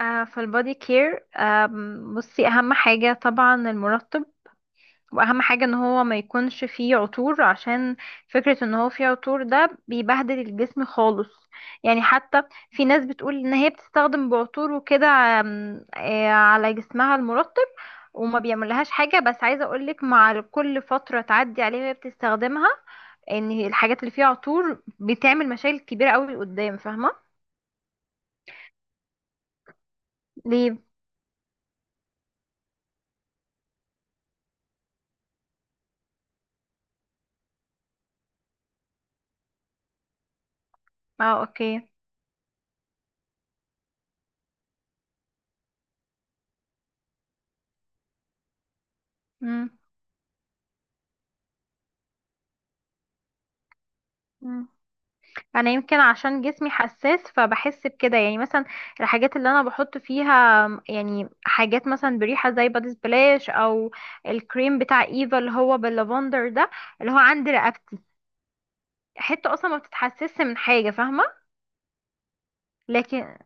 في البودي كير بصي، اهم حاجة طبعا المرطب. واهم حاجة ان هو ما يكونش فيه عطور، عشان فكرة ان هو فيه عطور ده بيبهدل الجسم خالص. يعني حتى في ناس بتقول ان هي بتستخدم بعطور وكده، آم، آه، على جسمها المرطب، وما بيعملهاش حاجة. بس عايزة اقولك، مع كل فترة تعدي عليها وهي بتستخدمها، ان الحاجات اللي فيها عطور بتعمل مشاكل كبيرة قوي قدام. فاهمة؟ ليه؟ اه، اوكي. مم. مم. انا يمكن عشان جسمي حساس فبحس بكده، يعني مثلا الحاجات اللي انا بحط فيها يعني حاجات مثلا بريحه، زي بادي سبلاش او الكريم بتاع ايفا اللي هو باللافندر ده، اللي هو عند رقبتي، حته اصلا ما بتتحسسش من حاجه. فاهمه؟ لكن.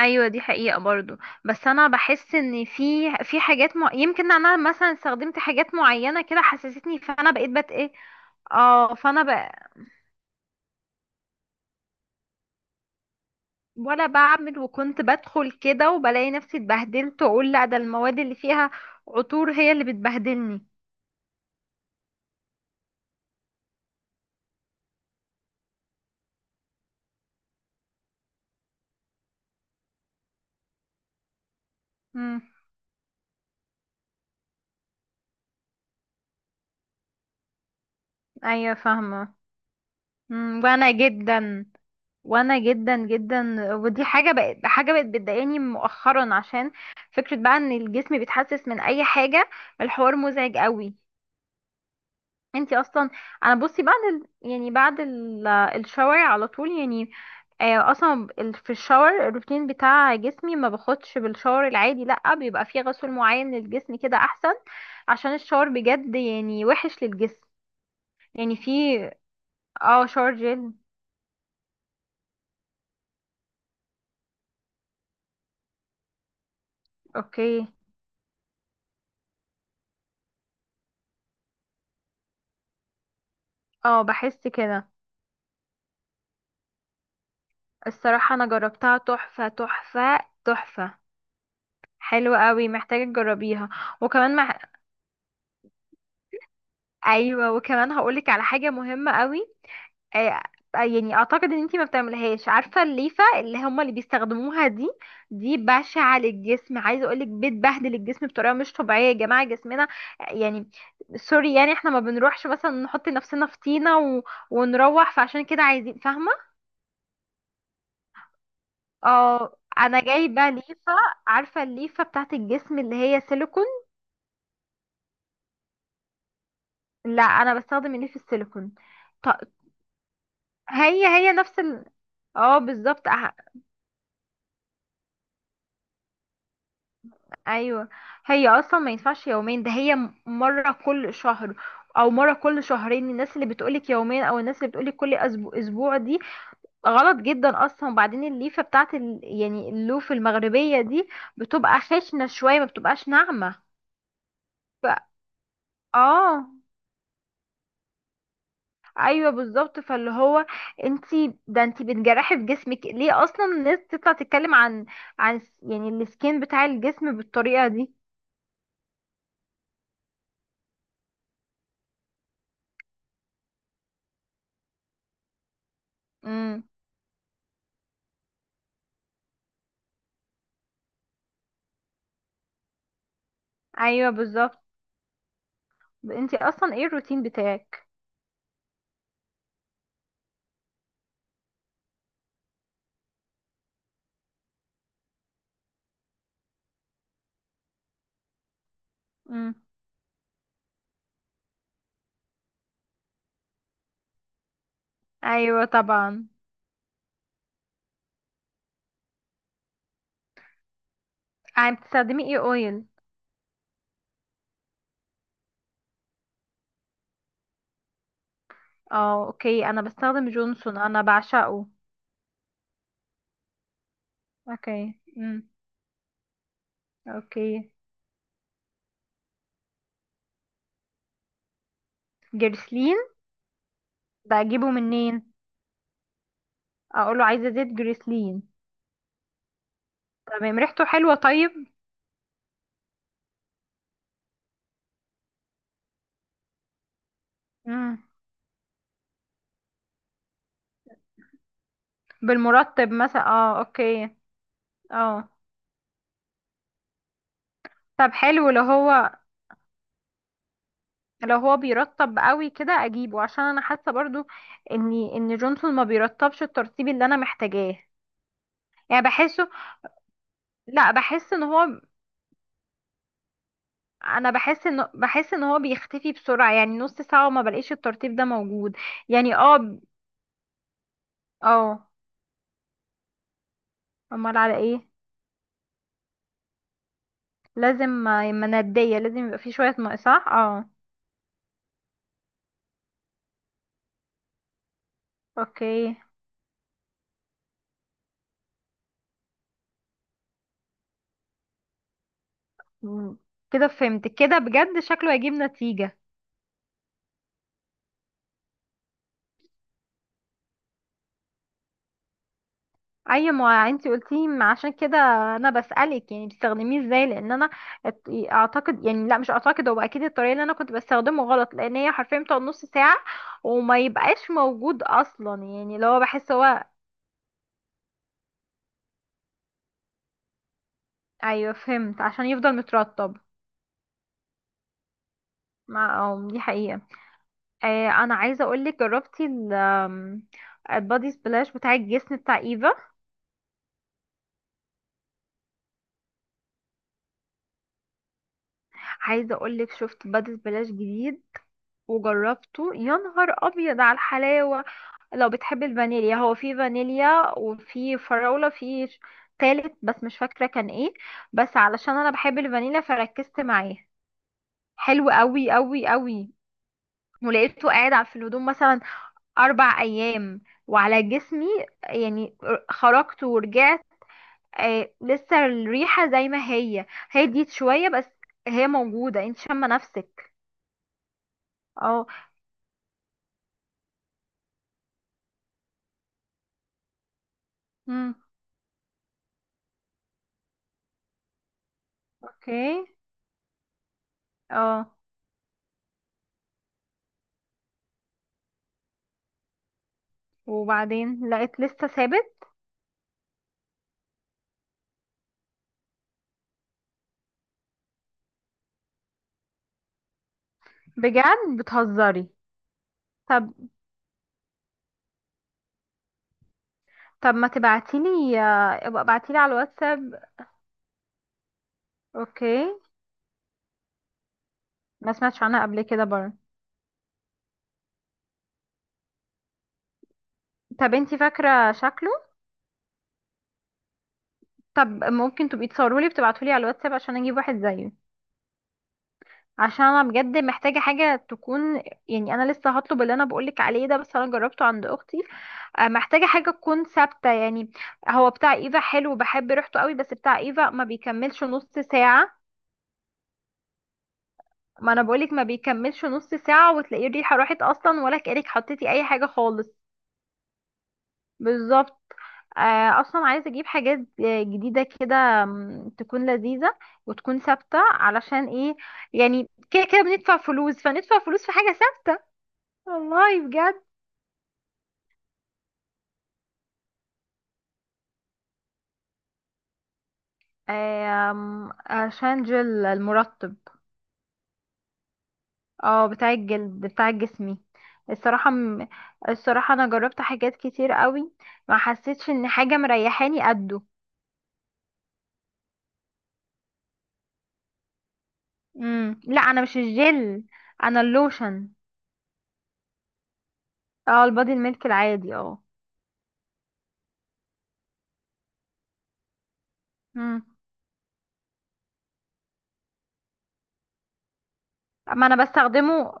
ايوه، دي حقيقه برضو. بس انا بحس ان في حاجات يمكن انا مثلا استخدمت حاجات معينه كده حسستني، فانا بقيت بت ايه. اه، فانا ولا بعمل، وكنت بدخل كده وبلاقي نفسي اتبهدلت، واقول لا، ده المواد اللي فيها عطور هي اللي بتبهدلني. امم. ايوه، فاهمه. وانا جدا، وانا جدا جدا، ودي حاجه بقت بتضايقني مؤخرا، عشان فكره بقى ان الجسم بيتحسس من اي حاجه. الحوار مزعج قوي. انتي اصلا. انا بصي بعد الشاور على طول، يعني اصلا في الشاور الروتين بتاع جسمي ما باخدش بالشاور العادي، لا بيبقى فيه غسول معين للجسم، كده احسن، عشان الشاور بجد يعني وحش للجسم. يعني فيه. اه، شاور جل. اوكي. اه، بحس كده. الصراحة انا جربتها، تحفة تحفة. تحفة. حلوة قوي، محتاجة تجربيها. وكمان مع... ايوه، وكمان هقولك على حاجة مهمة قوي. آه، يعني اعتقد ان انتي ما بتعمليهاش. عارفه الليفه اللي هما اللي بيستخدموها دي بشعه للجسم، عايزه اقولك بتبهدل الجسم بطريقه مش طبيعيه. يا جماعه جسمنا، يعني سوري، يعني احنا ما بنروحش مثلا نحط نفسنا في طينه ونروح، فعشان كده عايزين. فاهمه؟ اه، انا جايبه ليفه. عارفه الليفه بتاعت الجسم اللي هي سيليكون؟ لا، انا بستخدم الليف السيليكون. ط- هي نفس اه، بالظبط. ايوه، هي اصلا ما ينفعش يومين، ده هي مره كل شهر او مره كل شهرين. الناس اللي بتقولك يومين او الناس اللي بتقولك كل اسبوع اسبوع دي غلط جدا اصلا. وبعدين الليفه بتاعت يعني اللوف المغربيه دي بتبقى خشنه شويه، ما بتبقاش ناعمه. ف... اه. ايوه، بالظبط، فاللي هو انتي بتجرحي في جسمك. ليه اصلا الناس تطلع تتكلم عن يعني السكين بتاع الجسم بالطريقه دي؟ امم. ايوه، بالظبط. انتي اصلا ايه الروتين بتاعك؟ امم. ايوه، طبعا. عم بتستخدمي ايه اويل؟ اه، اوكي، انا بستخدم جونسون، انا بعشقه. اوكي. امم. اوكي، جريسلين. بجيبه منين؟ اقوله عايزه زيت جريسلين؟ تمام، ريحته حلوه، طيب. امم بالمرطب مثلا، اه اوكي. اه، طب حلو، لو هو بيرطب قوي كده اجيبه، عشان انا حاسه برضو ان جونسون ما بيرطبش الترطيب اللي انا محتاجاه. يعني بحسه، لا، بحس ان هو. انا بحس ان هو بيختفي بسرعة، يعني نص ساعة وما بلاقيش الترتيب ده موجود. يعني اه. اه. امال على ايه؟ لازم. مندية، لازم يبقى في شوية ماء، صح، اه، اوكي. مم. كده فهمت، كده بجد شكله هيجيب نتيجة. اي، ما انتي قلتي، ما عشان كده انا بسألك، يعني بتستخدميه ازاي؟ لان انا ات- اعتقد، يعني لا، مش اعتقد، هو اكيد الطريقه اللي انا كنت بستخدمه غلط، لان هي حرفيا بتقعد نص ساعه وما يبقاش موجود اصلا. يعني لو هو بحس هو. ايوه، فهمت، عشان يفضل مترطب. مع، دي حقيقه. انا عايزه اقولك، جربتي ال آم، البادي سبلاش بتاع الجسم بتاع ايفا؟ عايزه اقولك شفت بادي سبلاش جديد وجربته، يا نهار ابيض على الحلاوه. لو بتحب الفانيليا، هو في فانيليا وفي فراولة، في تالت بس مش فاكرة كان ايه، بس علشان انا بحب الفانيليا فركزت معاه. حلو قوي قوي قوي، ولقيته قاعد في الهدوم مثلا 4 ايام، وعلى جسمي، يعني خرجت ورجعت لسه الريحة زي ما هي، هديت شوية بس هي موجودة، انت شامة نفسك؟ اه. امم. اوكي. اه، وبعدين لقيت لسه ثابت؟ بجد بتهزري؟ طب طب ما تبعتيلي، ابقى ابعتيلي على الواتساب. اوكي. ما سمعتش عنها قبل كده برضه. طب انتي فاكرة شكله؟ طب ممكن تبقي تصورولي بتبعتولي على الواتساب عشان اجيب واحد زيه؟ عشان انا بجد محتاجة حاجة تكون، يعني انا لسه هطلب اللي انا بقولك عليه ده، بس انا جربته عند اختي. محتاجة حاجة تكون ثابتة يعني. هو بتاع ايفا حلو بحب ريحته قوي، بس بتاع ايفا ما بيكملش نص ساعة. ما انا بقولك، ما بيكملش نص ساعة وتلاقيه الريحة راحت اصلا، ولا كأنك حطيتي اي حاجة خالص. بالظبط. اصلا عايزه اجيب حاجات جديده كده، تكون لذيذه وتكون ثابته، علشان ايه؟ يعني كده كده بندفع فلوس فندفع فلوس في حاجه ثابته. والله بجد. عشان جل المرطب. اه، بتاع الجلد، بتاع جسمي. الصراحه م- الصراحه انا جربت حاجات كتير قوي، ما حسيتش ان حاجه مريحاني قده. لا، انا مش الجل، انا اللوشن. اه، البادي الميلك العادي، اه. مم. ما انا بستخدمه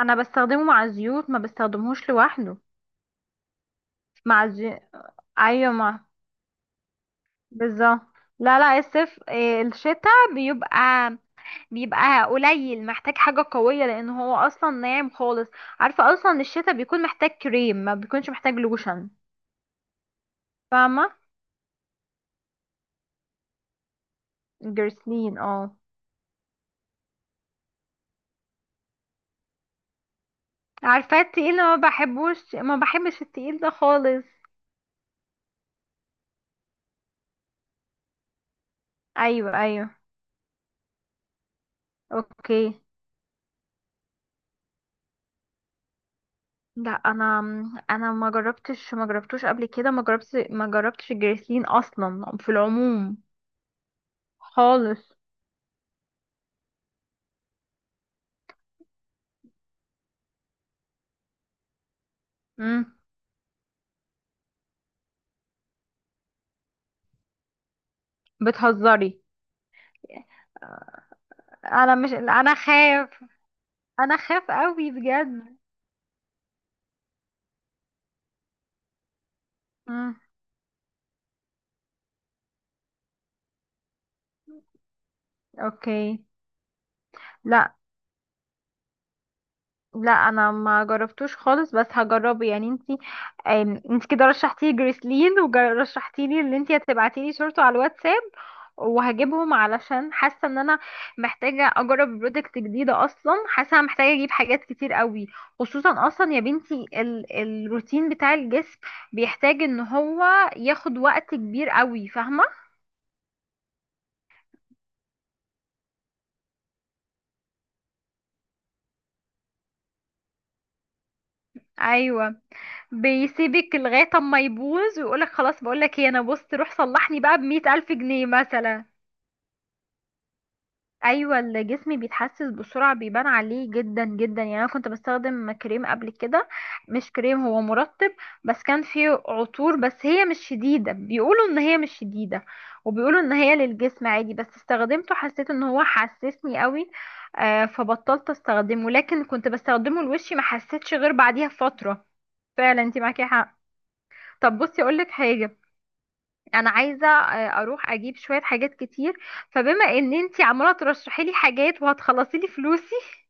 انا بستخدمه مع الزيوت، ما بستخدمهوش لوحده. مع الزي... ايوه، ما بالظبط. لا لا، الصيف الشتاء بيبقى قليل، محتاج حاجة قوية، لان هو اصلا ناعم خالص. عارفة اصلا الشتاء بيكون محتاج كريم، ما بيكونش محتاج لوشن. فاهمة. جرسلين، اه. عارفة التقيل، أنا ما بحبش التقيل ده خالص. ايوه ايوه، اوكي. لا، انا ما جربتش، ما جربتوش قبل كده، ما جربتش الجريسلين اصلا في العموم خالص. امم بتهزري. انا مش انا خاف، انا خاف قوي بجد. امم، اوكي. لا لا، انا ما جربتوش خالص، بس هجربه. يعني انتي انتي كده رشحتي لي جريسلين، ورشحتي لي اللي انتي هتبعتي لي صورته على الواتساب. وهجيبهم علشان حاسه ان انا محتاجه اجرب برودكت جديده اصلا، حاسه انا محتاجه اجيب حاجات كتير قوي، خصوصا اصلا يا بنتي الروتين بتاع الجسم بيحتاج ان هو ياخد وقت كبير قوي. فاهمه؟ ايوه، بيسيبك لغايه اما يبوظ ويقولك خلاص، بقولك ايه، انا بص روح صلحني بقى بمية الف جنيه مثلا. ايوه، الجسم بيتحسس بسرعه، بيبان عليه جدا جدا. يعني انا كنت بستخدم كريم قبل كده، مش كريم، هو مرطب، بس كان فيه عطور، بس هي مش شديده، بيقولوا ان هي مش شديده، وبيقولوا ان هي للجسم عادي، بس استخدمته حسيت ان هو حسسني قوي. فبطلت استخدمه، لكن كنت بستخدمه لوشي ما حسيتش غير بعديها فتره. فعلا انت معاكي حق. طب بصي اقولك حاجه، انا عايزه اروح اجيب شويه حاجات كتير، فبما ان انتي عماله ترشحي لي حاجات وهتخلصي لي فلوسي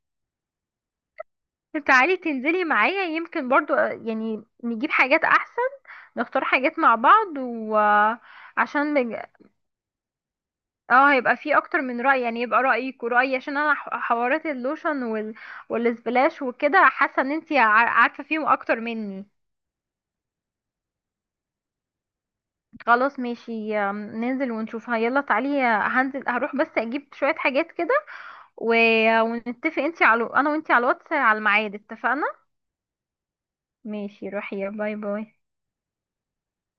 تعالي تنزلي معايا، يمكن برضو، يعني نجيب حاجات احسن، نختار حاجات مع بعض، وعشان اه، هيبقى في اكتر من رأي، يعني يبقى رأيك ورأيي، عشان انا حوارات اللوشن والسبلاش وكده، حاسه ان انتي عارفه فيهم اكتر مني. خلاص ماشي، ننزل ونشوفها، يلا تعالي. هنزل، هروح بس اجيب شويه حاجات كده و... ونتفق، انتي على انا وانتي على الواتس على الميعاد، اتفقنا؟ ماشي، روحي، باي باي.